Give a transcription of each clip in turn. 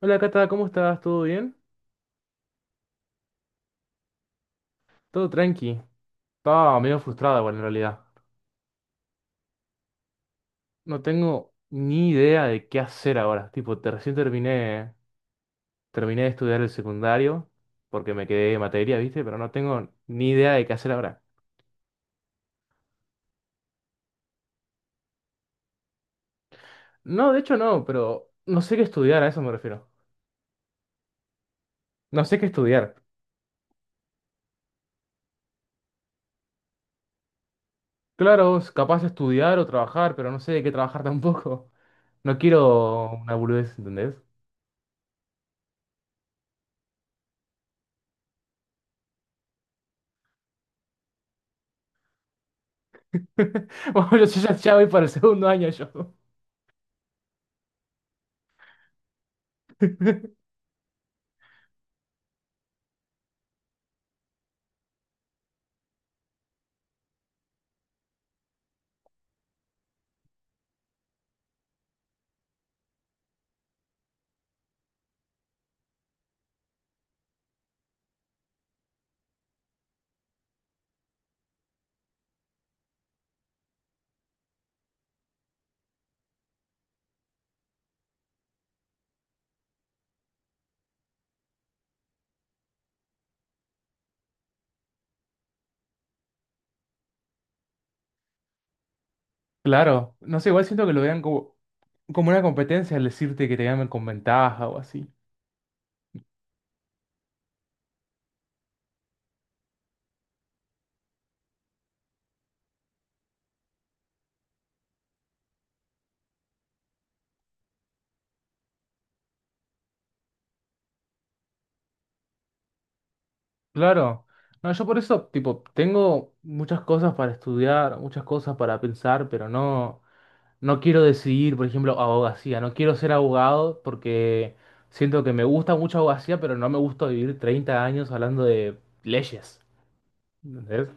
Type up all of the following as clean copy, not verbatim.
Hola Cata, ¿cómo estás? ¿Todo bien? Todo tranqui. Estaba medio frustrada, bueno, en realidad. No tengo ni idea de qué hacer ahora. Recién terminé de estudiar el secundario porque me quedé en materia, ¿viste? Pero no tengo ni idea de qué hacer ahora. No, de hecho no, pero no sé qué estudiar, a eso me refiero. No sé qué estudiar. Claro, es capaz de estudiar o trabajar, pero no sé de qué trabajar tampoco. No quiero una boludez, ¿entendés? Bueno, yo ya voy para el segundo año yo. Claro, no sé, igual siento que lo vean como, como una competencia al decirte que te llamen con ventaja o así. Claro, no, yo por eso, tipo, tengo muchas cosas para estudiar, muchas cosas para pensar, no quiero decidir, por ejemplo, abogacía, no quiero ser abogado porque siento que me gusta mucho abogacía, pero no me gusta vivir 30 años hablando de leyes, ¿entendés?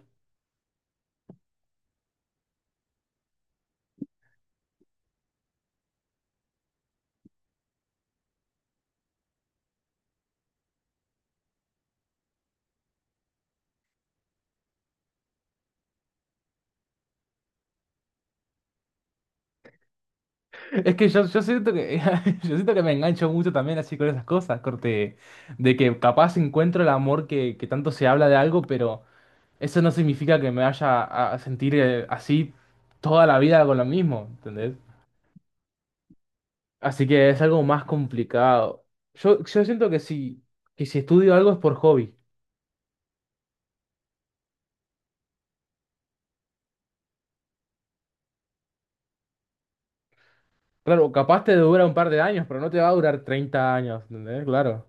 Es que yo siento que yo siento que me engancho mucho también así con esas cosas, corte, de que capaz encuentro el amor que tanto se habla de algo, pero eso no significa que me vaya a sentir así toda la vida con lo mismo, ¿entendés? Así que es algo más complicado. Yo siento que si estudio algo es por hobby. Claro, capaz te dura un par de años, pero no te va a durar 30 años, ¿entendés? Claro.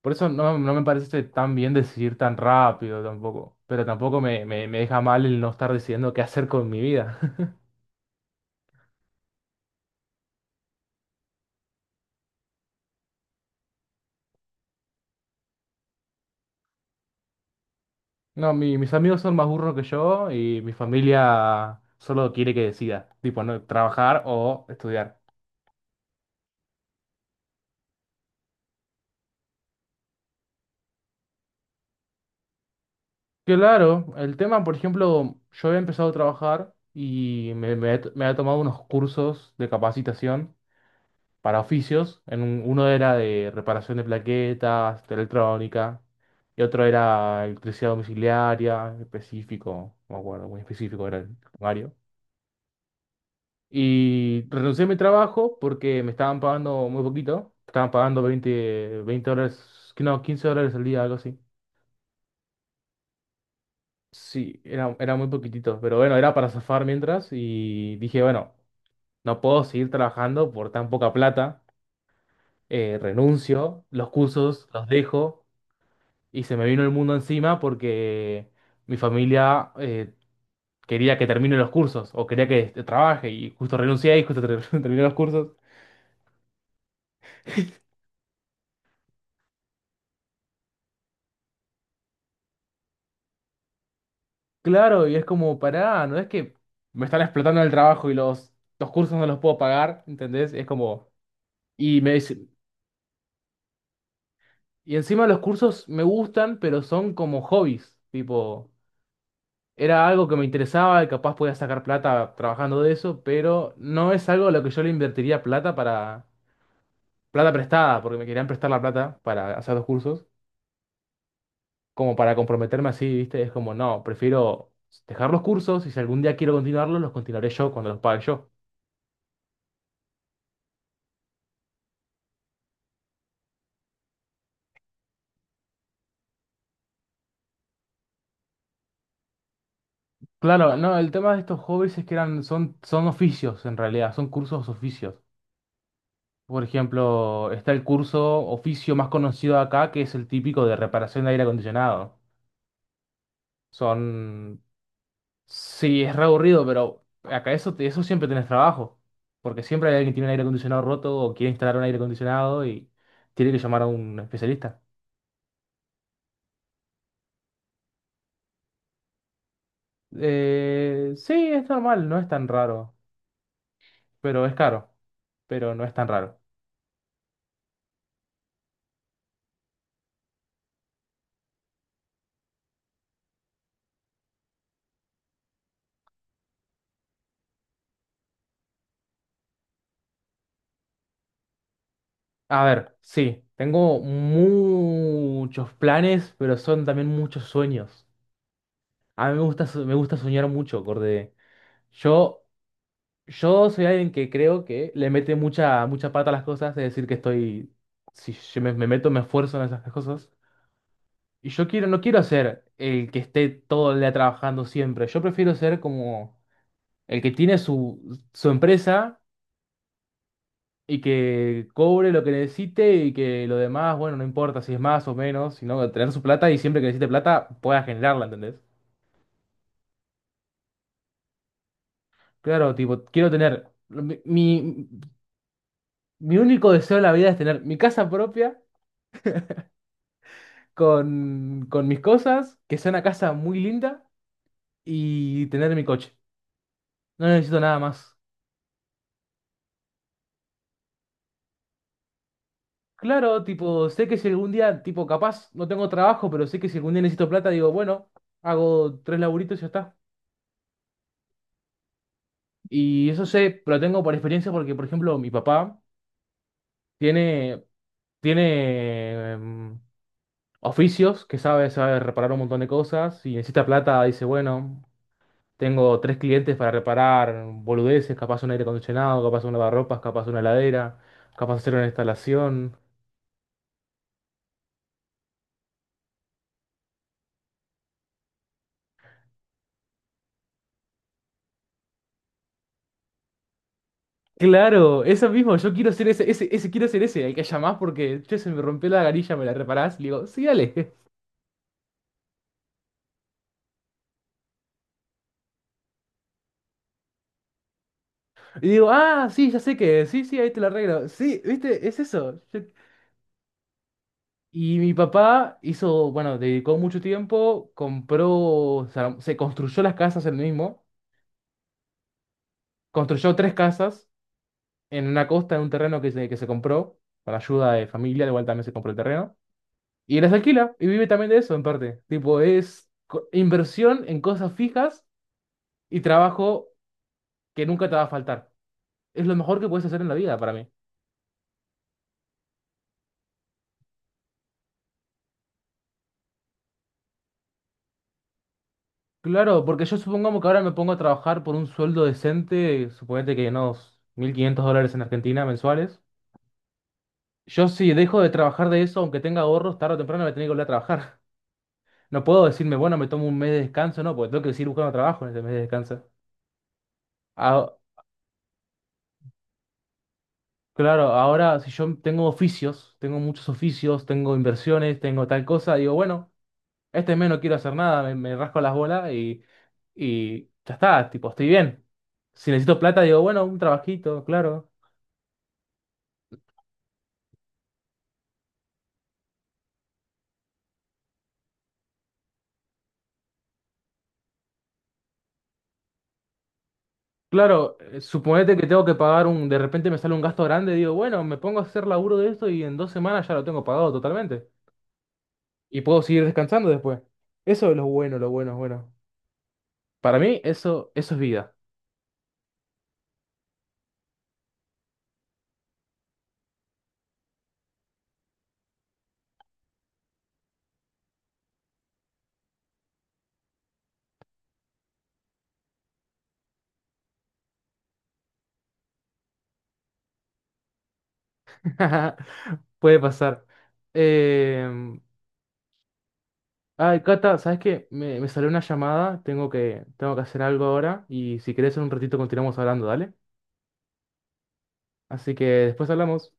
Por eso no me parece tan bien decidir tan rápido tampoco. Pero tampoco me deja mal el no estar decidiendo qué hacer con mi vida. No, mis amigos son más burros que yo y mi familia solo quiere que decida. Tipo, no, trabajar o estudiar. Claro, el tema, por ejemplo, yo había empezado a trabajar y me he tomado unos cursos de capacitación para oficios. Uno era de reparación de plaquetas, de electrónica, y otro era electricidad domiciliaria, específico, no me acuerdo, muy específico era el horario. Y renuncié a mi trabajo porque me estaban pagando muy poquito. Estaban pagando veinte dólares, que no, 15 dólares al día, algo así. Sí, era muy poquitito, pero bueno, era para zafar mientras y dije, bueno, no puedo seguir trabajando por tan poca plata, renuncio, los cursos los dejo y se me vino el mundo encima porque mi familia quería que termine los cursos o quería que este, trabaje y justo renuncié y justo terminé los cursos. Claro, y es como, pará, no es que me están explotando en el trabajo y los cursos no los puedo pagar, ¿entendés? Es como, y me dice- y encima los cursos me gustan, pero son como hobbies, tipo, era algo que me interesaba y capaz podía sacar plata trabajando de eso, pero no es algo a lo que yo le invertiría plata prestada, porque me querían prestar la plata para hacer los cursos, como para comprometerme así, ¿viste? Es como, no, prefiero dejar los cursos y si algún día quiero continuarlos, los continuaré yo cuando los pague yo. Claro, no, el tema de estos hobbies es que son oficios en realidad, son cursos oficios. Por ejemplo, está el curso oficio más conocido acá, que es el típico de reparación de aire acondicionado. Son Sí, es re aburrido, pero acá eso, eso siempre tenés trabajo. Porque siempre hay alguien que tiene un aire acondicionado roto o quiere instalar un aire acondicionado y tiene que llamar a un especialista. Sí, es normal, no es tan raro, pero es caro, pero no es tan raro. A ver, sí, tengo muchos planes, pero son también muchos sueños. A mí me gusta soñar mucho, Corde. Yo Yo soy alguien que creo que le mete mucha, mucha pata a las cosas, es decir, que estoy, si yo me meto, me esfuerzo en esas cosas. Y yo quiero, no quiero ser el que esté todo el día trabajando siempre. Yo prefiero ser como el que tiene su empresa y que cobre lo que necesite y que lo demás, bueno, no importa si es más o menos, sino tener su plata y siempre que necesite plata pueda generarla, ¿entendés? Claro, tipo, quiero tener, mi único deseo en la vida es tener mi casa propia con mis cosas, que sea una casa muy linda y tener mi coche. No necesito nada más. Claro, tipo, sé que si algún día, tipo, capaz no tengo trabajo, pero sé que si algún día necesito plata, digo, bueno, hago tres laburitos y ya está. Y eso sé, pero lo tengo por experiencia porque, por ejemplo, mi papá tiene, tiene em, oficios que sabe reparar un montón de cosas y necesita plata, dice, bueno. Tengo tres clientes para reparar boludeces, capaz un aire acondicionado, capaz un lavarropas, capaz una heladera, capaz hacer una instalación. Claro, eso mismo, yo quiero ser quiero ser ese, el que llamás porque, che, se me rompió la garilla, ¿me la reparás? Le digo, sí, dale. Y digo, ah, sí, ya sé que, sí, sí, ahí te la arreglo. Sí, viste, es eso. Y mi papá hizo, bueno, dedicó mucho tiempo, compró, o sea, se construyó las casas él mismo, construyó tres casas en una costa, en un terreno que se compró, con ayuda de familia, igual también se compró el terreno, y les alquila, y vive también de eso en parte. Tipo, es inversión en cosas fijas y trabajo que nunca te va a faltar. Es lo mejor que puedes hacer en la vida para mí. Claro, porque yo supongamos que ahora me pongo a trabajar por un sueldo decente, suponete que unos 1.500 dólares en Argentina mensuales. Yo si dejo de trabajar de eso, aunque tenga ahorros, tarde o temprano me tengo que volver a trabajar. No puedo decirme, bueno, me tomo un mes de descanso, no, porque tengo que seguir buscando trabajo en ese mes de descanso. A- Claro, ahora si yo tengo oficios, tengo muchos oficios, tengo inversiones, tengo tal cosa, digo, bueno, este mes no quiero hacer nada, me rasco las bolas y ya está, tipo, estoy bien. Si necesito plata, digo, bueno, un trabajito, claro. Claro, suponete que tengo que pagar un, de repente me sale un gasto grande, digo, bueno, me pongo a hacer laburo de esto y en 2 semanas ya lo tengo pagado totalmente. Y puedo seguir descansando después. Eso es lo bueno, bueno. Para mí, eso es vida. Puede pasar. Eh, Ay, Cata, ¿sabes qué? Me salió una llamada, tengo que hacer algo ahora y si querés en un ratito continuamos hablando, ¿dale? Así que después hablamos.